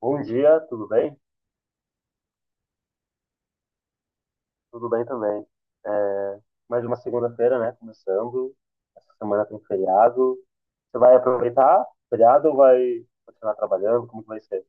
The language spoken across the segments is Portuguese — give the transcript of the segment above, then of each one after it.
Bom dia, tudo bem? Tudo bem também. É, Mais uma segunda-feira, né? Começando. Essa semana tem feriado. Você vai aproveitar o feriado ou vai continuar trabalhando? Como que vai ser?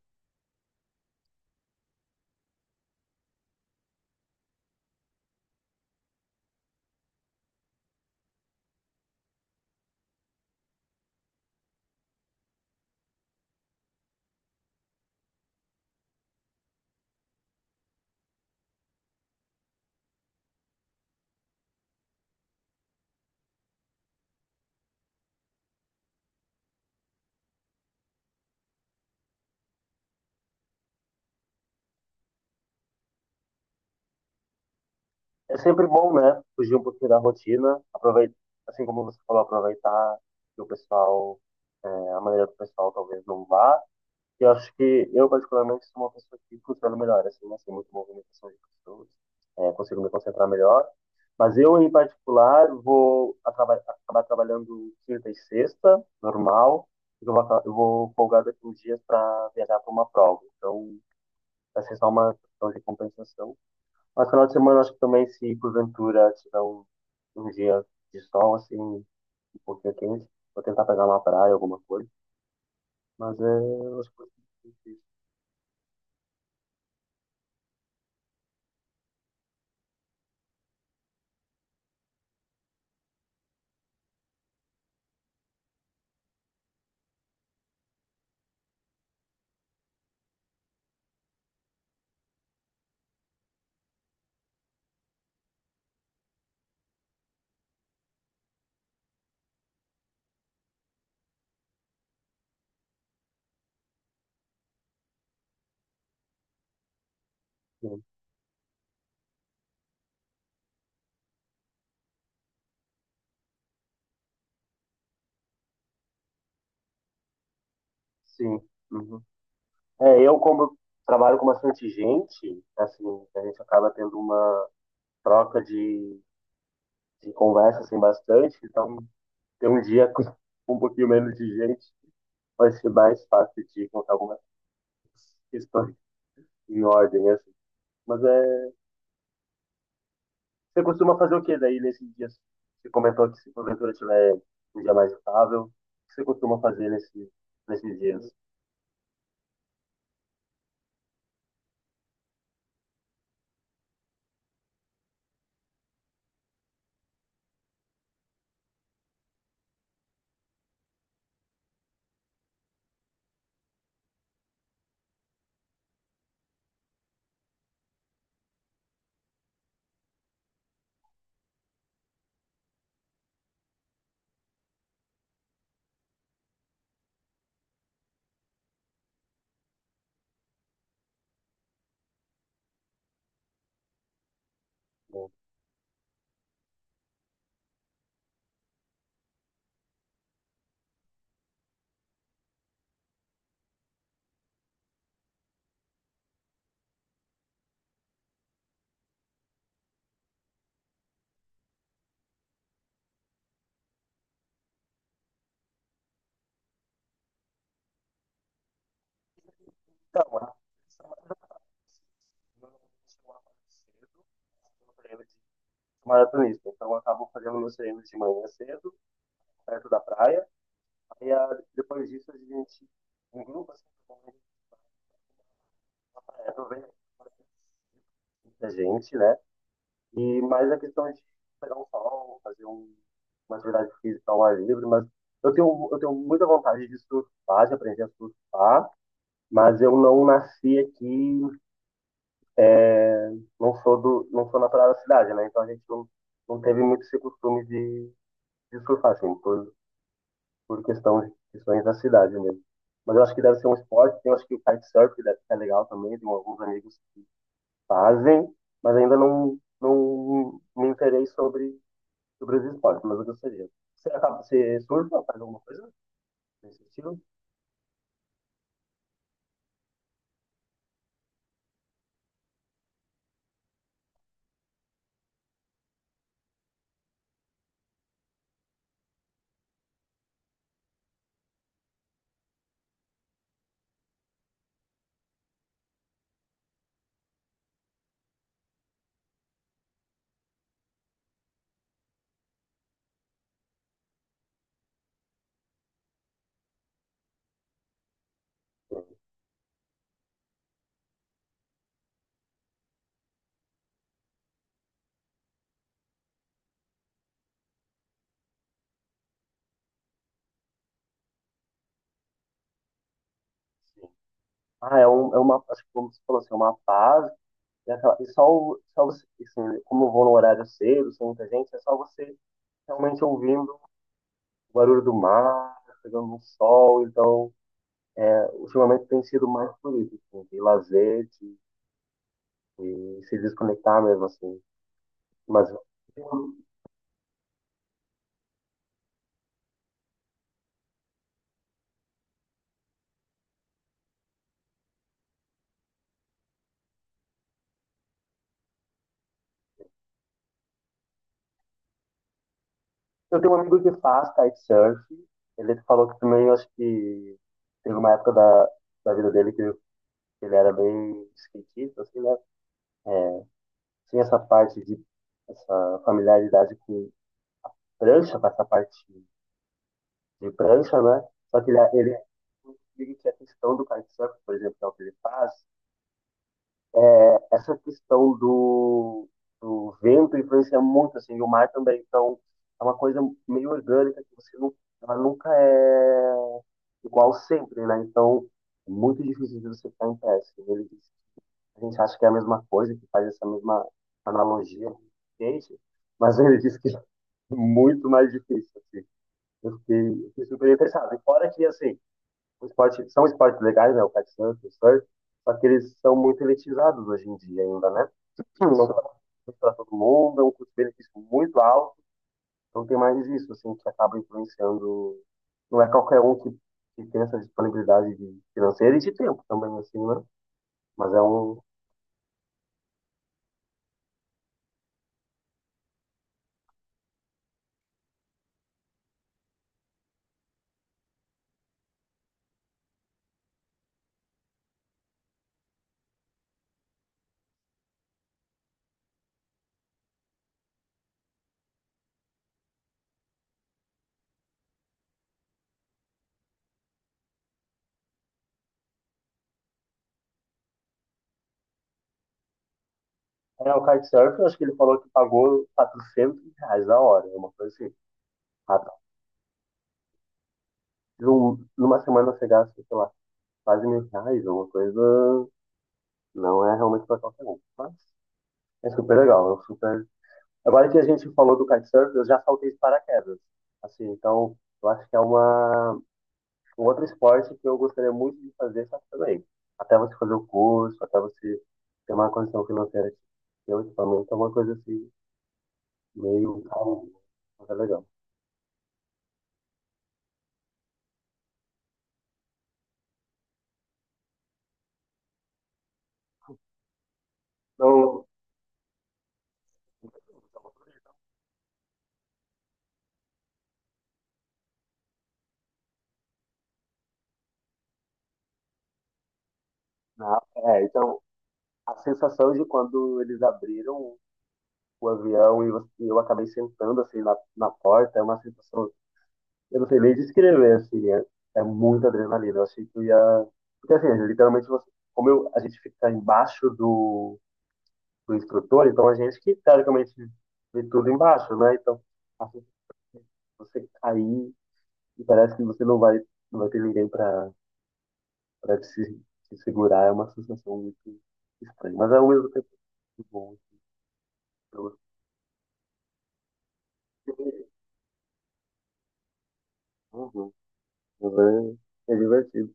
É sempre bom, né? Fugir um pouquinho da rotina. Aproveitar, assim como você falou, aproveitar que o pessoal, a maneira do pessoal talvez não vá. Eu acho que eu, particularmente, sou uma pessoa que funciona melhor, assim, muito movimentação de pessoas, consigo me concentrar melhor. Mas eu, em particular, acabar trabalhando quinta e sexta, normal, eu vou folgar daqui uns dias para viajar para uma prova. Então, vai ser só uma questão de compensação. Mas final de semana, acho que também, se porventura tiver um dia de sol, assim, um pouquinho quente, vou tentar pegar uma praia, alguma coisa. Mas eu acho que vai ser difícil. Sim. Uhum. É, eu como trabalho com bastante gente, assim, a gente acaba tendo uma troca de, de conversa assim bastante, então ter um dia com um pouquinho menos de gente vai ser mais fácil de contar algumas questões em ordem, assim. Mas é, você costuma fazer o que daí nesses dias? Você comentou que se porventura tiver um dia mais estável, o que você costuma fazer nesses dias? Então, maratonista. Então eu acabo fazendo meus treinos de manhã cedo, perto da praia. Depois disso a gente em grupo assim, na praia, eu vejo muita gente, né? E mais a questão de pegar um sol, fazer uma atividade física ao ar livre, mas eu tenho muita vontade de surfar, de aprender a surfar, mas eu não nasci aqui é, não sou do, não sou natural da cidade, né? Então a gente não, Não teve muito esse costume de surfar, assim, por questões da cidade mesmo. Mas eu acho que deve ser um esporte, eu acho que o kitesurf deve ser legal também, tem alguns amigos que fazem, mas ainda não me interei sobre os esportes, mas eu gostaria. Você surfa, faz alguma coisa nesse estilo? Sim. É uma, acho que como você falou assim, é uma paz. Só você, assim, como eu vou no horário cedo, sem muita gente, é só você realmente ouvindo o barulho do mar, pegando um sol. Então, ultimamente tem sido mais por isso, assim, de de se desconectar mesmo, assim. Mas eu tenho, um, eu tenho um amigo que faz kitesurf. Ele falou que também, eu acho que teve uma época da vida dele que ele era bem skatista, assim, né? Tinha essa parte de, essa familiaridade com prancha, com essa parte de prancha, né? Só que ele que a questão do kitesurf, por exemplo, que é o que ele faz, essa questão do, do vento influencia muito, assim, e o mar também. Então, é uma coisa meio orgânica que você não, ela nunca é igual sempre, né? Então, é muito difícil de você ficar em pé, assim. Ele diz- a gente acha que é a mesma coisa, que faz essa mesma analogia com o skate, mas ele disse que é muito mais difícil, assim. Eu fiquei super interessado. E fora que, assim, são esportes legais, né? O kitesurf, o surf, só que eles são muito elitizados hoje em dia ainda, né? Não. Isso. são para todo mundo, é um custo-benefício muito alto, então tem mais isso, assim, que acaba influenciando. Não é qualquer um que tem essa disponibilidade de- financeira e de tempo também, assim, né? Mas é um. É, o kitesurf, eu acho que ele falou que pagou R$ 400 a hora, é uma coisa assim. Ah, tá. Numa semana você gasta, sei lá, quase R$ 1.000, uma coisa. Não é realmente para qualquer um, mas é super legal, eu super. Agora que a gente falou do kitesurf, eu já saltei de paraquedas. Assim, então eu acho que é uma um outro esporte que eu gostaria muito de fazer, só que também. Até você fazer o curso, até você ter uma condição financeira de ter o equipamento, é uma coisa assim, meio calma, mas é legal. Não, não, então a sensação de quando eles abriram o avião e você- e eu acabei sentando assim na porta, é uma sensação. Eu não sei nem descrever, assim, é muita adrenalina. Eu achei que eu ia. Porque, assim, literalmente, você- como eu, a gente fica embaixo do, do instrutor, então a gente que, teoricamente, vê tudo embaixo, né? Então, assim, você cair e parece que você não vai ter ninguém pra te, te segurar, é uma sensação muito estranha. Mas, ao mesmo tempo, muito bom. Eu gostei. Uhum. Mas é, é divertido.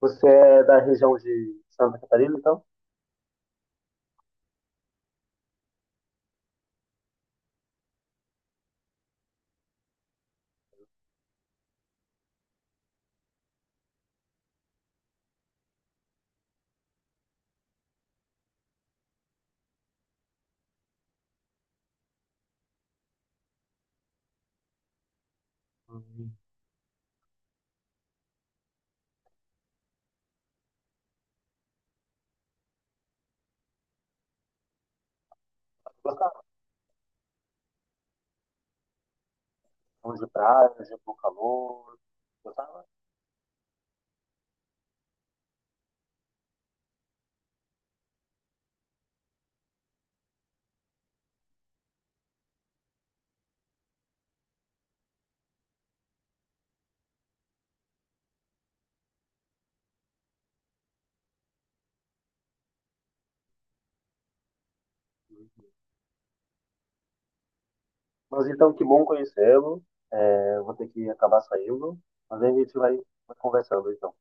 Você é da região de Santa Catarina, então? Hum. Gostava então de praia, de bom calor, gostava? Hum. Mas então, que bom conhecê-lo. É, vou ter que acabar saindo, mas aí a gente vai vai conversando, então.